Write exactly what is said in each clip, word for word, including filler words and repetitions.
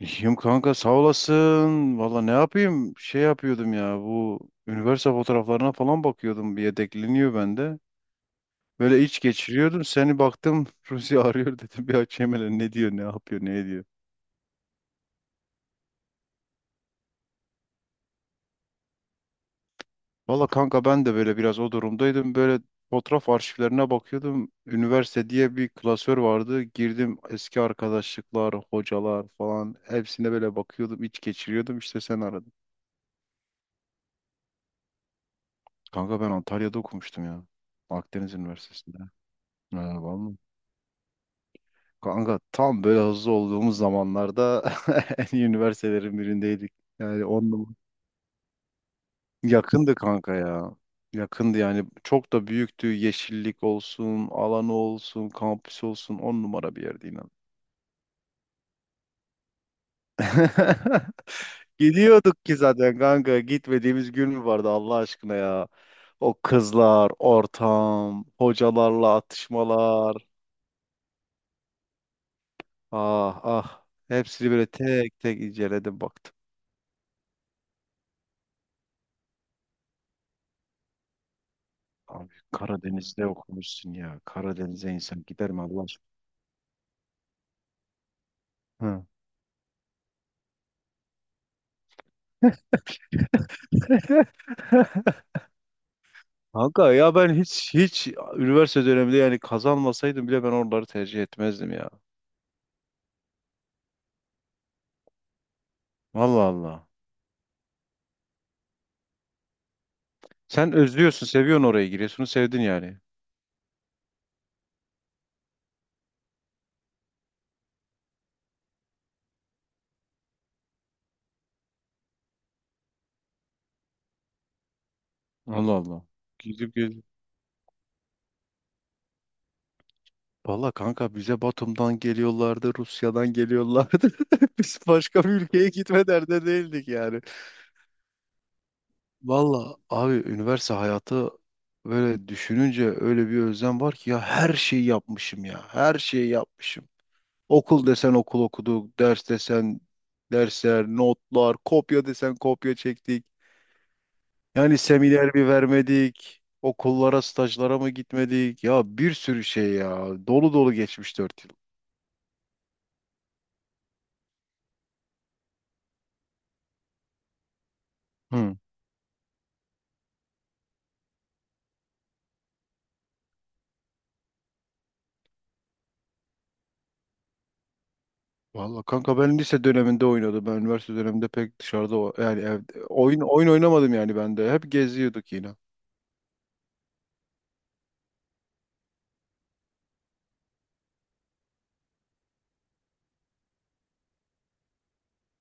İyiyim kanka sağ olasın. Valla ne yapayım? Şey yapıyordum ya bu üniversite fotoğraflarına falan bakıyordum. Bir yedekleniyor bende. Böyle iç geçiriyordum. Seni baktım Ruzi arıyor dedim. Bir açayım hele ne diyor ne yapıyor ne ediyor. Valla kanka ben de böyle biraz o durumdaydım. Böyle fotoğraf arşivlerine bakıyordum. Üniversite diye bir klasör vardı. Girdim eski arkadaşlıklar, hocalar falan. Hepsine böyle bakıyordum iç geçiriyordum. İşte sen aradın. Kanka ben Antalya'da okumuştum ya. Akdeniz Üniversitesi'nde. Ha, vallahi. Kanka tam böyle hızlı olduğumuz zamanlarda en iyi üniversitelerin birindeydik. Yani onunla yakındı kanka ya. Yakındı yani çok da büyüktü. Yeşillik olsun, alanı olsun, kampüs olsun on numara bir yerdi inan. Gidiyorduk ki zaten kanka gitmediğimiz gün mü vardı Allah aşkına ya. O kızlar, ortam, hocalarla atışmalar. Ah ah hepsini böyle tek tek inceledim baktım. Abi Karadeniz'de okumuşsun ya. Karadeniz'e insan gider mi Allah aşkına? Hı. Kanka ya ben hiç hiç üniversite döneminde yani kazanmasaydım bile ben oraları tercih etmezdim ya. Allah Allah. Sen özlüyorsun, seviyorsun orayı. Giresun'u sevdin yani. Allah Allah. Gidip gidip. Valla kanka bize Batum'dan geliyorlardı, Rusya'dan geliyorlardı. Biz başka bir ülkeye gitme derdinde değildik yani. Valla abi üniversite hayatı böyle düşününce öyle bir özlem var ki ya her şeyi yapmışım ya. Her şeyi yapmışım. Okul desen okul okuduk, ders desen dersler, notlar, kopya desen kopya çektik. Yani seminer bir vermedik. Okullara, stajlara mı gitmedik? Ya bir sürü şey ya. Dolu dolu geçmiş dört yıl. Hı. Valla kanka ben lise döneminde oynadım. Ben üniversite döneminde pek dışarıda o- yani evde, oyun oyun oynamadım yani ben de. Hep geziyorduk yine.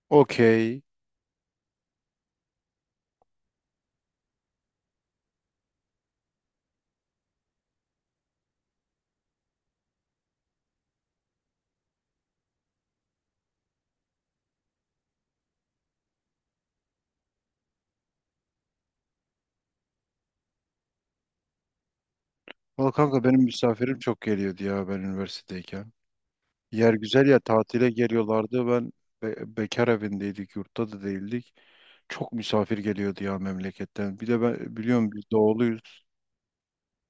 Okey. Valla kanka benim misafirim çok geliyordu ya ben üniversitedeyken. Yer güzel ya tatile geliyorlardı. Ben be- bekar evindeydik, yurtta da değildik. Çok misafir geliyordu ya memleketten. Bir de ben biliyorum biz doğuluyuz.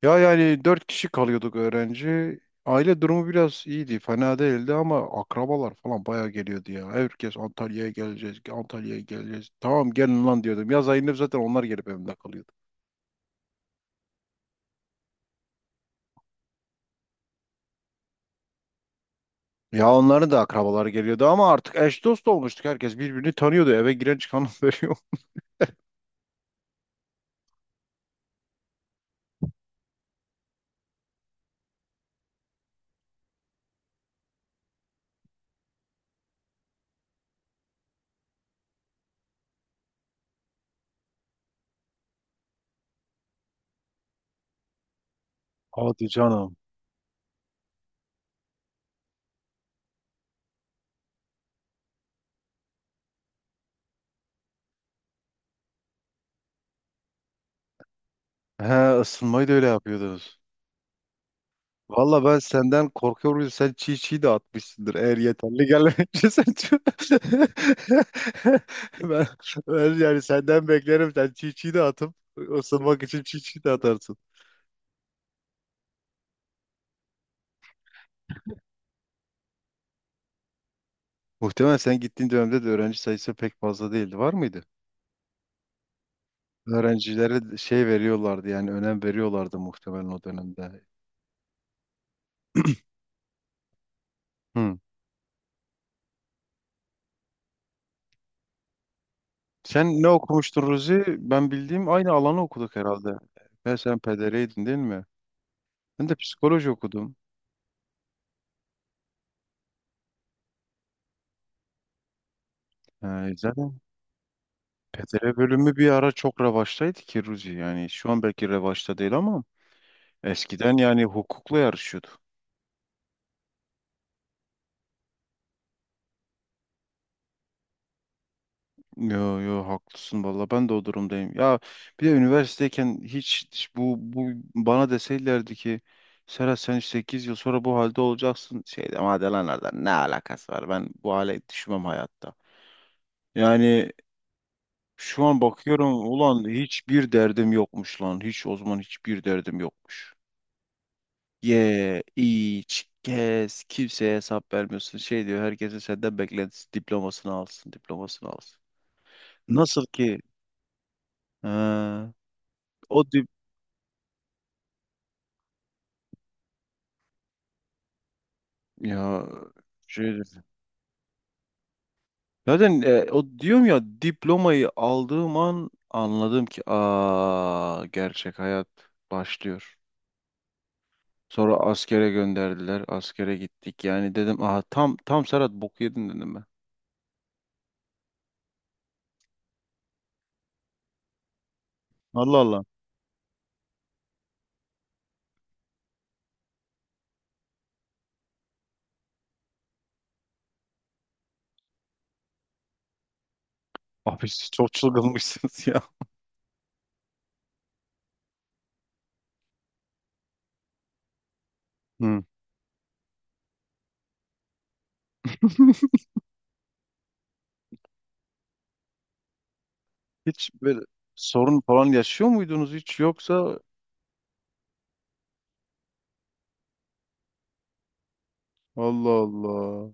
Ya yani dört kişi kalıyorduk öğrenci. Aile durumu biraz iyiydi, fena değildi ama akrabalar falan bayağı geliyordu ya. Herkes Antalya'ya geleceğiz, Antalya'ya geleceğiz. Tamam gelin lan diyordum. Yaz ayında zaten onlar gelip evimde kalıyordu. Ya onların da akrabaları geliyordu ama artık eş dost olmuştuk. Herkes birbirini tanıyordu. Eve giren çıkanı veriyor. Hadi canım. He ısınmayı da öyle yapıyordunuz. Valla ben senden korkuyorum. Sen çiğ çiğ de atmışsındır. Eğer yeterli gelmeyince sen ben, ben yani senden beklerim. Sen çiğ çiğ de atıp ısınmak için çiğ çiğ de atarsın. Muhtemelen sen gittiğin dönemde de öğrenci sayısı pek fazla değildi. Var mıydı? Öğrencilere şey veriyorlardı yani önem veriyorlardı muhtemelen o dönemde. Hı. Sen ne okumuştun Ruzi? Ben bildiğim aynı alanı okuduk herhalde. Ben sen P D R'ydin değil mi? Ben de psikoloji okudum. Ha, zaten P D R bölümü bir ara çok revaçtaydı ki Ruzi. Yani şu an belki revaçta değil ama eskiden yani hukukla yarışıyordu. Yo yo haklısın valla ben de o durumdayım. Ya bir de üniversiteyken hiç, hiç bu, bu bana deseydilerdi ki Serhat sen sekiz yıl sonra bu halde olacaksın. Şey demem hadi lan oradan ne alakası var ben bu hale düşmem hayatta. Yani şu an bakıyorum ulan hiçbir derdim yokmuş lan. Hiç o zaman hiçbir derdim yokmuş. Ye, iç, gez, kimseye hesap vermiyorsun. Şey diyor herkesin senden beklentisi diplomasını alsın, diplomasını alsın. Nasıl ki ha, o dip ya şey zaten e, o diyorum ya diplomayı aldığım an anladım ki aa gerçek hayat başlıyor. Sonra askere gönderdiler. Askere gittik. Yani dedim aha tam tam Serhat bok yedin dedim ben. Allah Allah. Abi siz çok çılgınmışsınız ya. Hı. Hiç böyle sorun falan yaşıyor muydunuz hiç yoksa Allah Allah.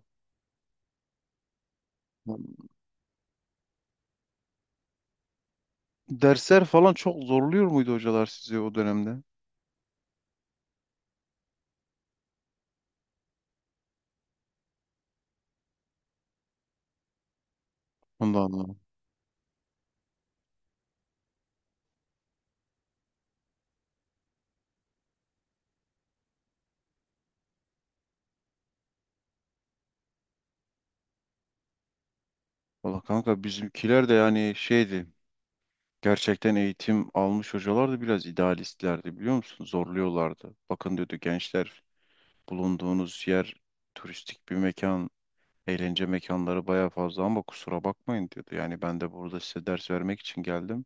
Dersler falan çok zorluyor muydu hocalar sizi o dönemde? Allah Allah. Valla kanka bizimkiler de yani şeydi. Gerçekten eğitim almış hocalar da biraz idealistlerdi biliyor musun? Zorluyorlardı. Bakın diyordu gençler bulunduğunuz yer turistik bir mekan, eğlence mekanları baya fazla ama kusura bakmayın diyordu. Yani ben de burada size ders vermek için geldim.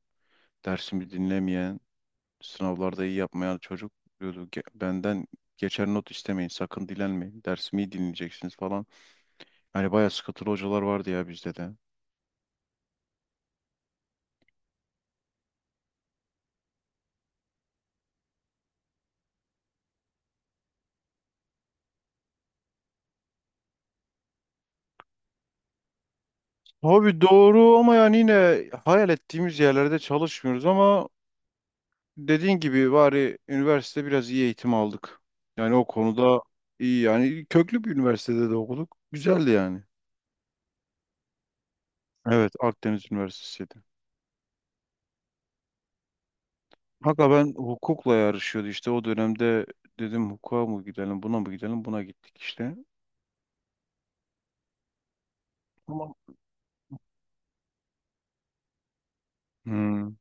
Dersimi dinlemeyen, sınavlarda iyi yapmayan çocuk diyordu. "Ge- Benden geçer not istemeyin, sakın dilenmeyin. Dersimi iyi dinleyeceksiniz falan. Hani baya sıkıntılı hocalar vardı ya bizde de. Abi doğru ama yani yine hayal ettiğimiz yerlerde çalışmıyoruz ama dediğin gibi bari üniversite biraz iyi eğitim aldık. Yani o konuda iyi yani köklü bir üniversitede de okuduk. Güzeldi yani. Evet Akdeniz Üniversitesi'ydi. Hatta ben hukukla yarışıyordu işte o dönemde dedim hukuka mı gidelim buna mı gidelim buna gittik işte. Tamam. Hmm.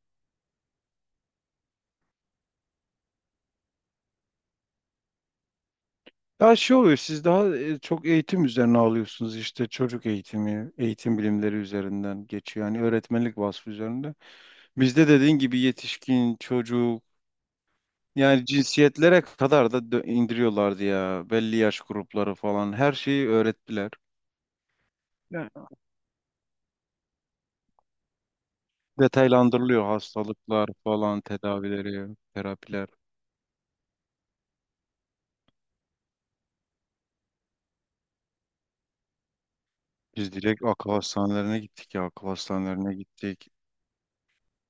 Ya şey oluyor siz daha e, çok eğitim üzerine alıyorsunuz işte çocuk eğitimi, eğitim bilimleri üzerinden geçiyor. Yani öğretmenlik vasfı üzerinde. Bizde dediğin gibi yetişkin, çocuk, yani cinsiyetlere kadar da dö- indiriyorlardı ya. Belli yaş grupları falan. Her şeyi öğrettiler. Ya, detaylandırılıyor hastalıklar falan, tedavileri, terapiler. Biz direkt akıl hastanelerine gittik ya. Akıl hastanelerine gittik.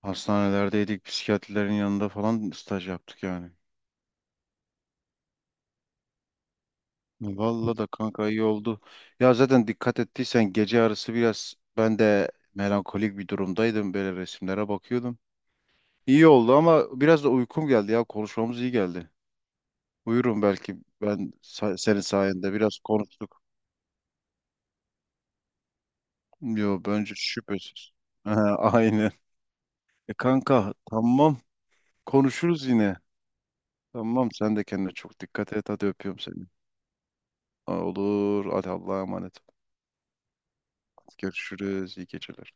Hastanelerdeydik. Psikiyatrilerin yanında falan staj yaptık yani. Vallahi da kanka iyi oldu. Ya zaten dikkat ettiysen gece yarısı biraz ben de melankolik bir durumdaydım. Böyle resimlere bakıyordum. İyi oldu ama biraz da uykum geldi ya. Konuşmamız iyi geldi. Buyurun belki ben sa- senin sayende biraz konuştuk. Yo bence şüphesiz. Ha, aynen. E kanka tamam konuşuruz yine. Tamam sen de kendine çok dikkat et hadi öpüyorum seni. Olur hadi Allah'a emanet. Görüşürüz iyi geceler.